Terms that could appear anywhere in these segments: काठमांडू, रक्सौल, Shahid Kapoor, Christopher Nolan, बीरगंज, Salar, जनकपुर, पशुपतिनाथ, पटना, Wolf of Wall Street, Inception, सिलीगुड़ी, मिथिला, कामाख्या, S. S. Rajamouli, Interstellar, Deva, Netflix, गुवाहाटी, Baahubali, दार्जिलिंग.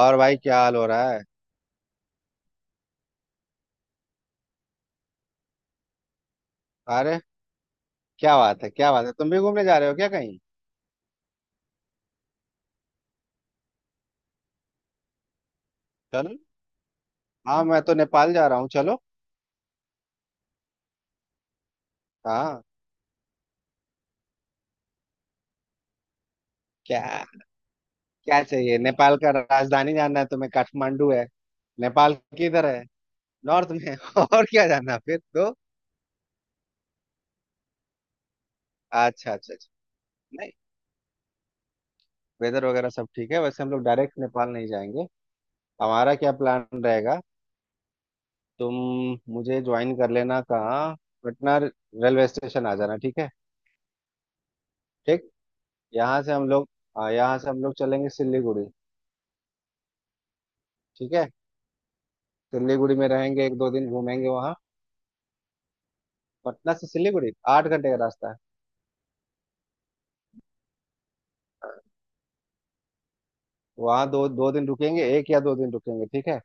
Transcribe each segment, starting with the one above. और भाई क्या हाल हो रहा है। अरे क्या बात है, क्या बात है! तुम भी घूमने जा रहे हो क्या कहीं? चलो। हाँ, मैं तो नेपाल जा रहा हूँ। चलो। हाँ। क्या? क्या चाहिए? नेपाल का राजधानी जानना है तुम्हें? काठमांडू है। नेपाल किधर है? नॉर्थ में। और क्या जानना फिर तो। अच्छा, अच्छा, अच्छा। नहीं, वेदर वगैरह सब ठीक है। वैसे हम लोग डायरेक्ट नेपाल नहीं जाएंगे। हमारा क्या प्लान रहेगा, तुम मुझे ज्वाइन कर लेना। कहाँ? पटना रेलवे स्टेशन आ जाना, ठीक है? ठीक। यहाँ से हम लोग, हाँ, यहाँ से हम लोग चलेंगे सिलीगुड़ी। ठीक है। सिलीगुड़ी में रहेंगे एक दो दिन, घूमेंगे वहाँ। पटना से सिलीगुड़ी 8 घंटे का रास्ता है। वहाँ दो दो दिन रुकेंगे एक या दो दिन रुकेंगे, ठीक है?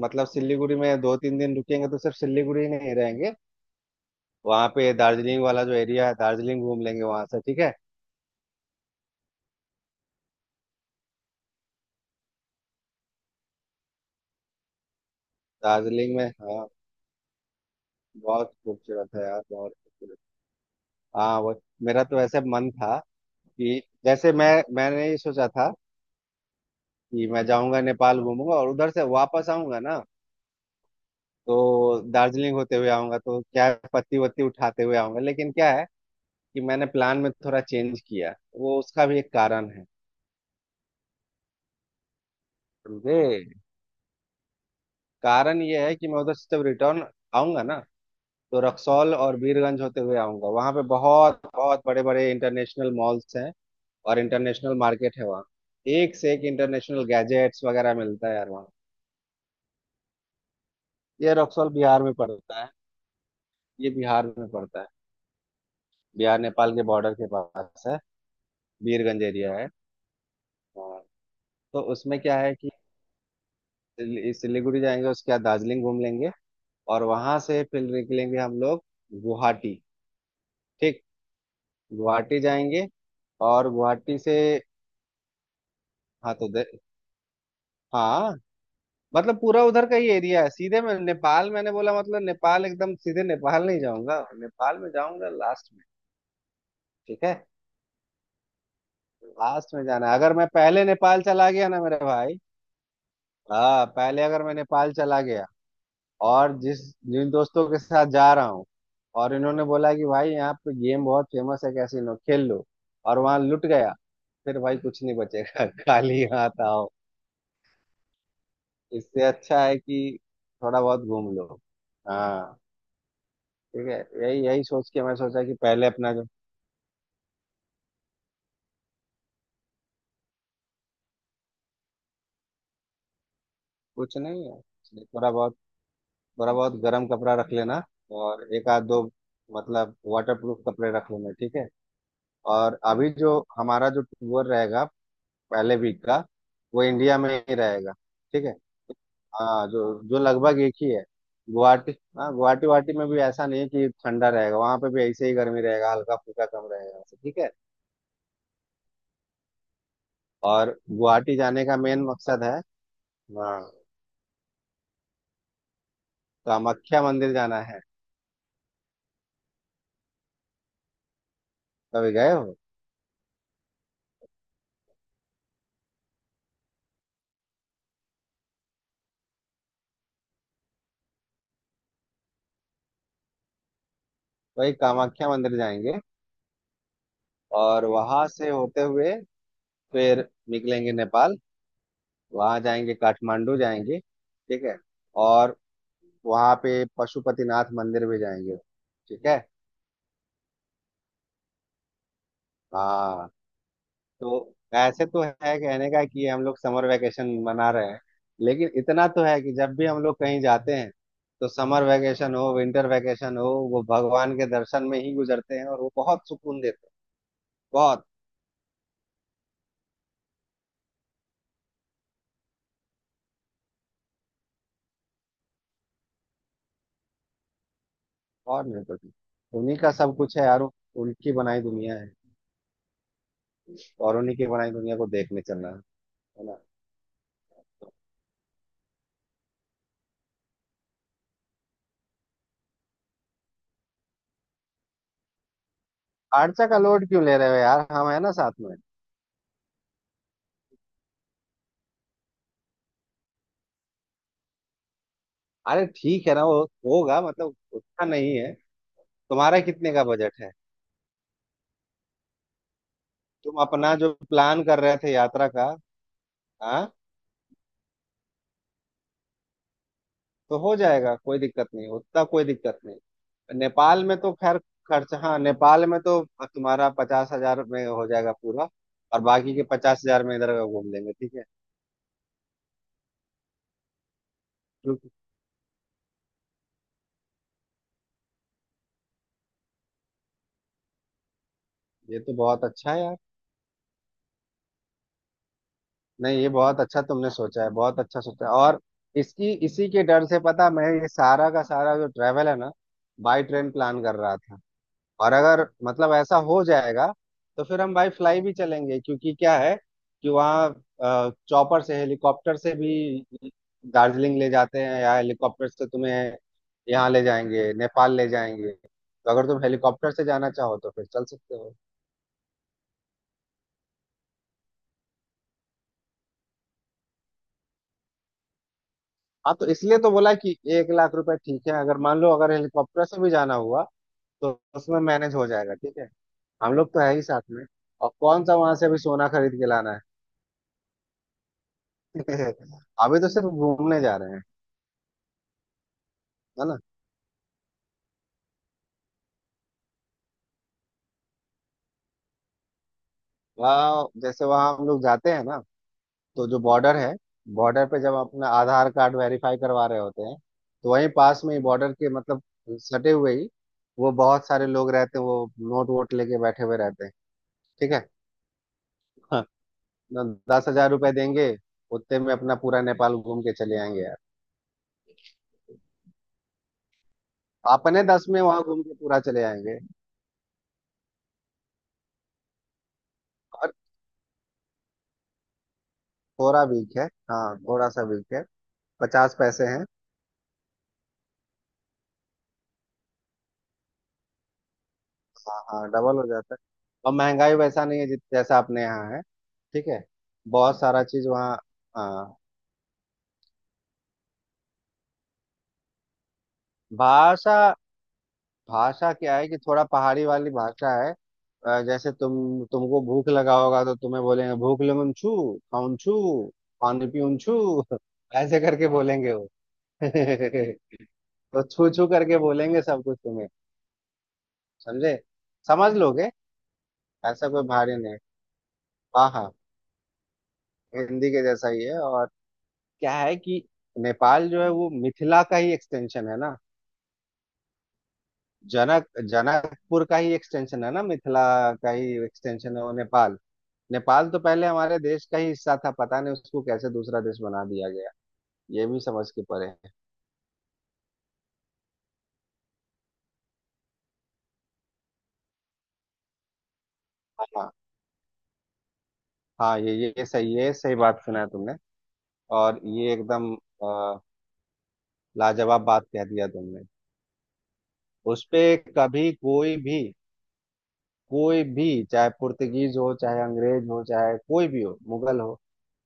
मतलब सिलीगुड़ी में दो तीन दिन रुकेंगे तो सिर्फ सिलीगुड़ी ही नहीं रहेंगे। वहाँ पे दार्जिलिंग वाला जो एरिया है, दार्जिलिंग घूम लेंगे वहाँ से, ठीक है? दार्जिलिंग में, हाँ, बहुत खूबसूरत है यार, बहुत खूबसूरत। हाँ, वो, मेरा तो वैसे मन था कि जैसे मैंने ये सोचा था कि मैं जाऊंगा नेपाल, घूमूंगा और उधर से वापस आऊंगा ना। तो दार्जिलिंग होते हुए आऊंगा। तो क्या है, पत्ती वत्ती उठाते हुए आऊंगा। लेकिन क्या है कि मैंने प्लान में थोड़ा चेंज किया। वो, उसका भी एक कारण है, समझे? कारण ये है कि मैं उधर से जब रिटर्न आऊंगा ना, तो रक्सौल और बीरगंज होते हुए आऊंगा। वहां पे बहुत बहुत बड़े बड़े इंटरनेशनल मॉल्स हैं और इंटरनेशनल मार्केट है वहाँ। एक से एक इंटरनेशनल गैजेट्स वगैरह मिलता है यार वहाँ। ये रक्सौल बिहार में पड़ता है। ये बिहार में पड़ता है। बिहार नेपाल के बॉर्डर के पास है। बीरगंज एरिया है। हाँ। तो उसमें क्या है, सिलीगुड़ी जाएंगे, उसके बाद दार्जिलिंग घूम लेंगे और वहां से फिर निकलेंगे हम लोग गुवाहाटी। ठीक। गुवाहाटी जाएंगे और गुवाहाटी से, हाँ तो दे- हाँ, मतलब पूरा उधर का ही एरिया है। सीधे मैं नेपाल, मैंने बोला, मतलब नेपाल एकदम सीधे नेपाल नहीं जाऊंगा। नेपाल में जाऊंगा लास्ट में। ठीक है। लास्ट में जाना है। अगर मैं पहले नेपाल चला गया ना मेरे भाई, हाँ, पहले अगर मैं नेपाल चला गया और जिस जिन दोस्तों के साथ जा रहा हूँ और इन्होंने बोला कि भाई यहाँ पे गेम बहुत फेमस है, कैसीनो खेल लो और वहां लुट गया, फिर भाई कुछ नहीं बचेगा। खाली हाथ आओ। इससे अच्छा है कि थोड़ा बहुत घूम लो। हाँ, ठीक है। यही यही सोच के मैं सोचा कि पहले अपना जो कुछ नहीं है, इसलिए थोड़ा बहुत, गर्म कपड़ा रख लेना और एक आध दो, मतलब वाटर प्रूफ कपड़े रख लेना, ठीक है? और अभी जो हमारा जो टूर रहेगा पहले वीक का वो इंडिया में ही रहेगा, ठीक है। हाँ, जो जो लगभग एक ही है, गुवाहाटी। हाँ, गुवाहाटी वाटी में भी ऐसा नहीं है कि ठंडा रहेगा। वहां पे भी ऐसे ही गर्मी रहेगा, हल्का फुल्का कम रहेगा वैसे, ठीक है। और गुवाहाटी जाने का मेन मकसद है, हाँ, कामाख्या मंदिर जाना है। कभी गए हो? वही कामाख्या मंदिर जाएंगे और वहां से होते हुए फिर निकलेंगे नेपाल। वहां जाएंगे, काठमांडू जाएंगे, ठीक है। और वहां पे पशुपतिनाथ मंदिर भी जाएंगे, ठीक है। हाँ, तो ऐसे तो है कहने का कि हम लोग समर वेकेशन मना रहे हैं, लेकिन इतना तो है कि जब भी हम लोग कहीं जाते हैं तो समर वेकेशन हो, विंटर वेकेशन हो, वो भगवान के दर्शन में ही गुजरते हैं और वो बहुत सुकून देते हैं। बहुत। और नहीं तो क्या। उन्हीं का सब कुछ है यार, उनकी बनाई दुनिया है। और उन्हीं की बनाई दुनिया को देखने चलना है ना? खर्चा का लोड क्यों ले रहे हो यार? हम है ना साथ में। अरे ठीक है ना, वो होगा मतलब, उतना नहीं है। तुम्हारा कितने का बजट है? तुम अपना जो प्लान कर रहे थे यात्रा का? हाँ, तो हो जाएगा। कोई दिक्कत नहीं उतना, कोई दिक्कत नहीं। नेपाल में तो खैर खर्च, हाँ, नेपाल में तो तुम्हारा 50,000 में हो जाएगा पूरा। और बाकी के 50,000 में इधर घूम लेंगे, ठीक है। क्योंकि ये तो बहुत अच्छा है यार। नहीं, ये बहुत अच्छा तुमने सोचा है, बहुत अच्छा सोचा है। और इसकी इसी के डर से पता, मैं ये सारा का सारा जो ट्रेवल है ना, बाई ट्रेन प्लान कर रहा था। और अगर मतलब ऐसा हो जाएगा तो फिर हम भाई फ्लाई भी चलेंगे, क्योंकि क्या है कि वहाँ चॉपर से, हेलीकॉप्टर से भी दार्जिलिंग ले जाते हैं, या हेलीकॉप्टर से तुम्हें यहाँ ले जाएंगे, नेपाल ले जाएंगे। तो अगर तुम हेलीकॉप्टर से जाना चाहो तो फिर चल सकते हो। हाँ, तो इसलिए तो बोला कि 1 लाख रुपए ठीक है। अगर मान लो, अगर हेलीकॉप्टर से भी जाना हुआ तो उसमें मैनेज हो जाएगा, ठीक है। हम लोग तो है ही साथ में। और कौन सा वहां से अभी सोना खरीद के लाना है। अभी तो सिर्फ घूमने जा रहे हैं। है ना? वहाँ, जैसे वहाँ हम लोग जाते हैं ना तो जो बॉर्डर है, बॉर्डर पे जब अपना आधार कार्ड वेरीफाई करवा रहे होते हैं तो वहीं पास में ही बॉर्डर के मतलब सटे हुए ही वो बहुत सारे लोग रहते हैं, वो नोट वोट लेके बैठे हुए रहते हैं, ठीक है? हाँ। न- 10,000 रुपए देंगे, उतने में अपना पूरा नेपाल घूम के चले आएंगे यार। अपने दस में वहां घूम के पूरा चले आएंगे। और थोड़ा वीक है, हाँ, थोड़ा सा वीक है। 50 पैसे हैं। हाँ हाँ, डबल हो जाता है। और महंगाई वैसा नहीं है जित जैसा अपने यहाँ है, ठीक है। बहुत सारा चीज वहाँ, हाँ। भाषा, भाषा क्या है कि थोड़ा पहाड़ी वाली भाषा है। जैसे तुमको भूख लगा होगा तो तुम्हें बोलेंगे भूख लगन छू, खाउन छू, पानी पीउन छू। ऐसे करके बोलेंगे वो। तो छू छू करके बोलेंगे सब कुछ तुम्हें, समझे? समझ लोगे, ऐसा कोई भारी नहीं है। हाँ हाँ, हिंदी के जैसा ही है। और क्या है कि नेपाल जो है वो मिथिला का ही एक्सटेंशन है ना। जनक जनकपुर का ही एक्सटेंशन है ना, मिथिला का ही एक्सटेंशन है वो, नेपाल। नेपाल तो पहले हमारे देश का ही हिस्सा था, पता नहीं उसको कैसे दूसरा देश बना दिया गया। ये भी समझ के परे है। हाँ हाँ, ये सही ये सही बात सुना है तुमने। और ये एकदम अ, लाजवाब बात कह दिया तुमने। उस पे कभी कोई भी, चाहे पुर्तगीज हो, चाहे अंग्रेज हो, चाहे कोई भी हो, मुगल हो,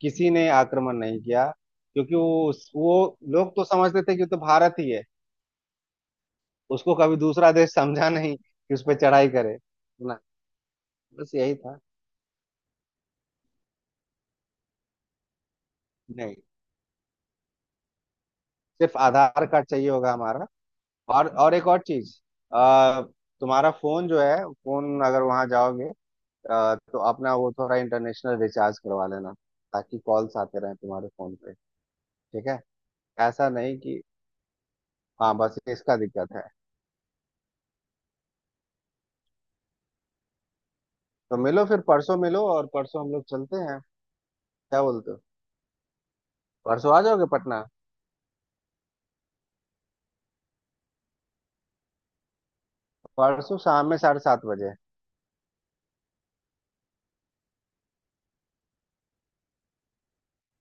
किसी ने आक्रमण नहीं किया। क्योंकि वो वो लोग तो समझते थे कि वो तो भारत ही है। उसको कभी दूसरा देश समझा नहीं कि उस पर चढ़ाई करे ना। बस यही था। नहीं, सिर्फ आधार कार्ड चाहिए होगा हमारा। और एक और चीज, अ, तुम्हारा फोन जो है, फोन अगर वहां जाओगे, तो अपना वो थोड़ा इंटरनेशनल रिचार्ज करवा लेना ताकि कॉल्स आते रहे तुम्हारे फोन पे, ठीक है। ऐसा नहीं कि, हाँ, बस इसका दिक्कत है। तो मिलो फिर परसों, मिलो और परसों हम लोग चलते हैं, क्या बोलते हो? परसों आ जाओगे पटना? परसों शाम में 7:30 बजे।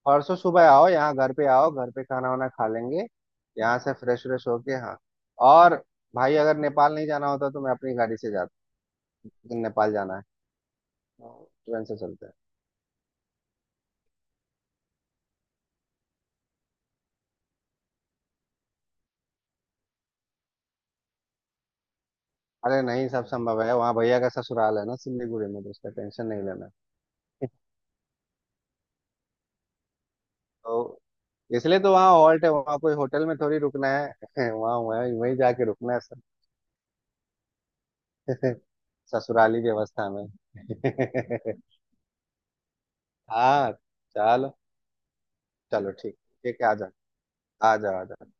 परसों सुबह आओ, यहाँ घर पे आओ, घर पे खाना वाना खा लेंगे, यहाँ से फ्रेश व्रेश होके। हाँ। और भाई अगर नेपाल नहीं जाना होता तो मैं अपनी गाड़ी से जाता। लेकिन नेपाल जाना है तो ट्रेन से चलते हैं। अरे नहीं, सब संभव है, वहाँ भैया का ससुराल है ना सिलीगुड़ी में, तो उसका टेंशन नहीं लेना। तो इसलिए तो वहाँ हॉल्ट है, वहाँ कोई होटल में थोड़ी रुकना है। वहाँ, वहाँ, वहीं जाके रुकना है, ससुराली व्यवस्था में। हाँ, चलो, चलो, ठीक ठीक है, आ जाओ, आ जाओ, आ जाओ।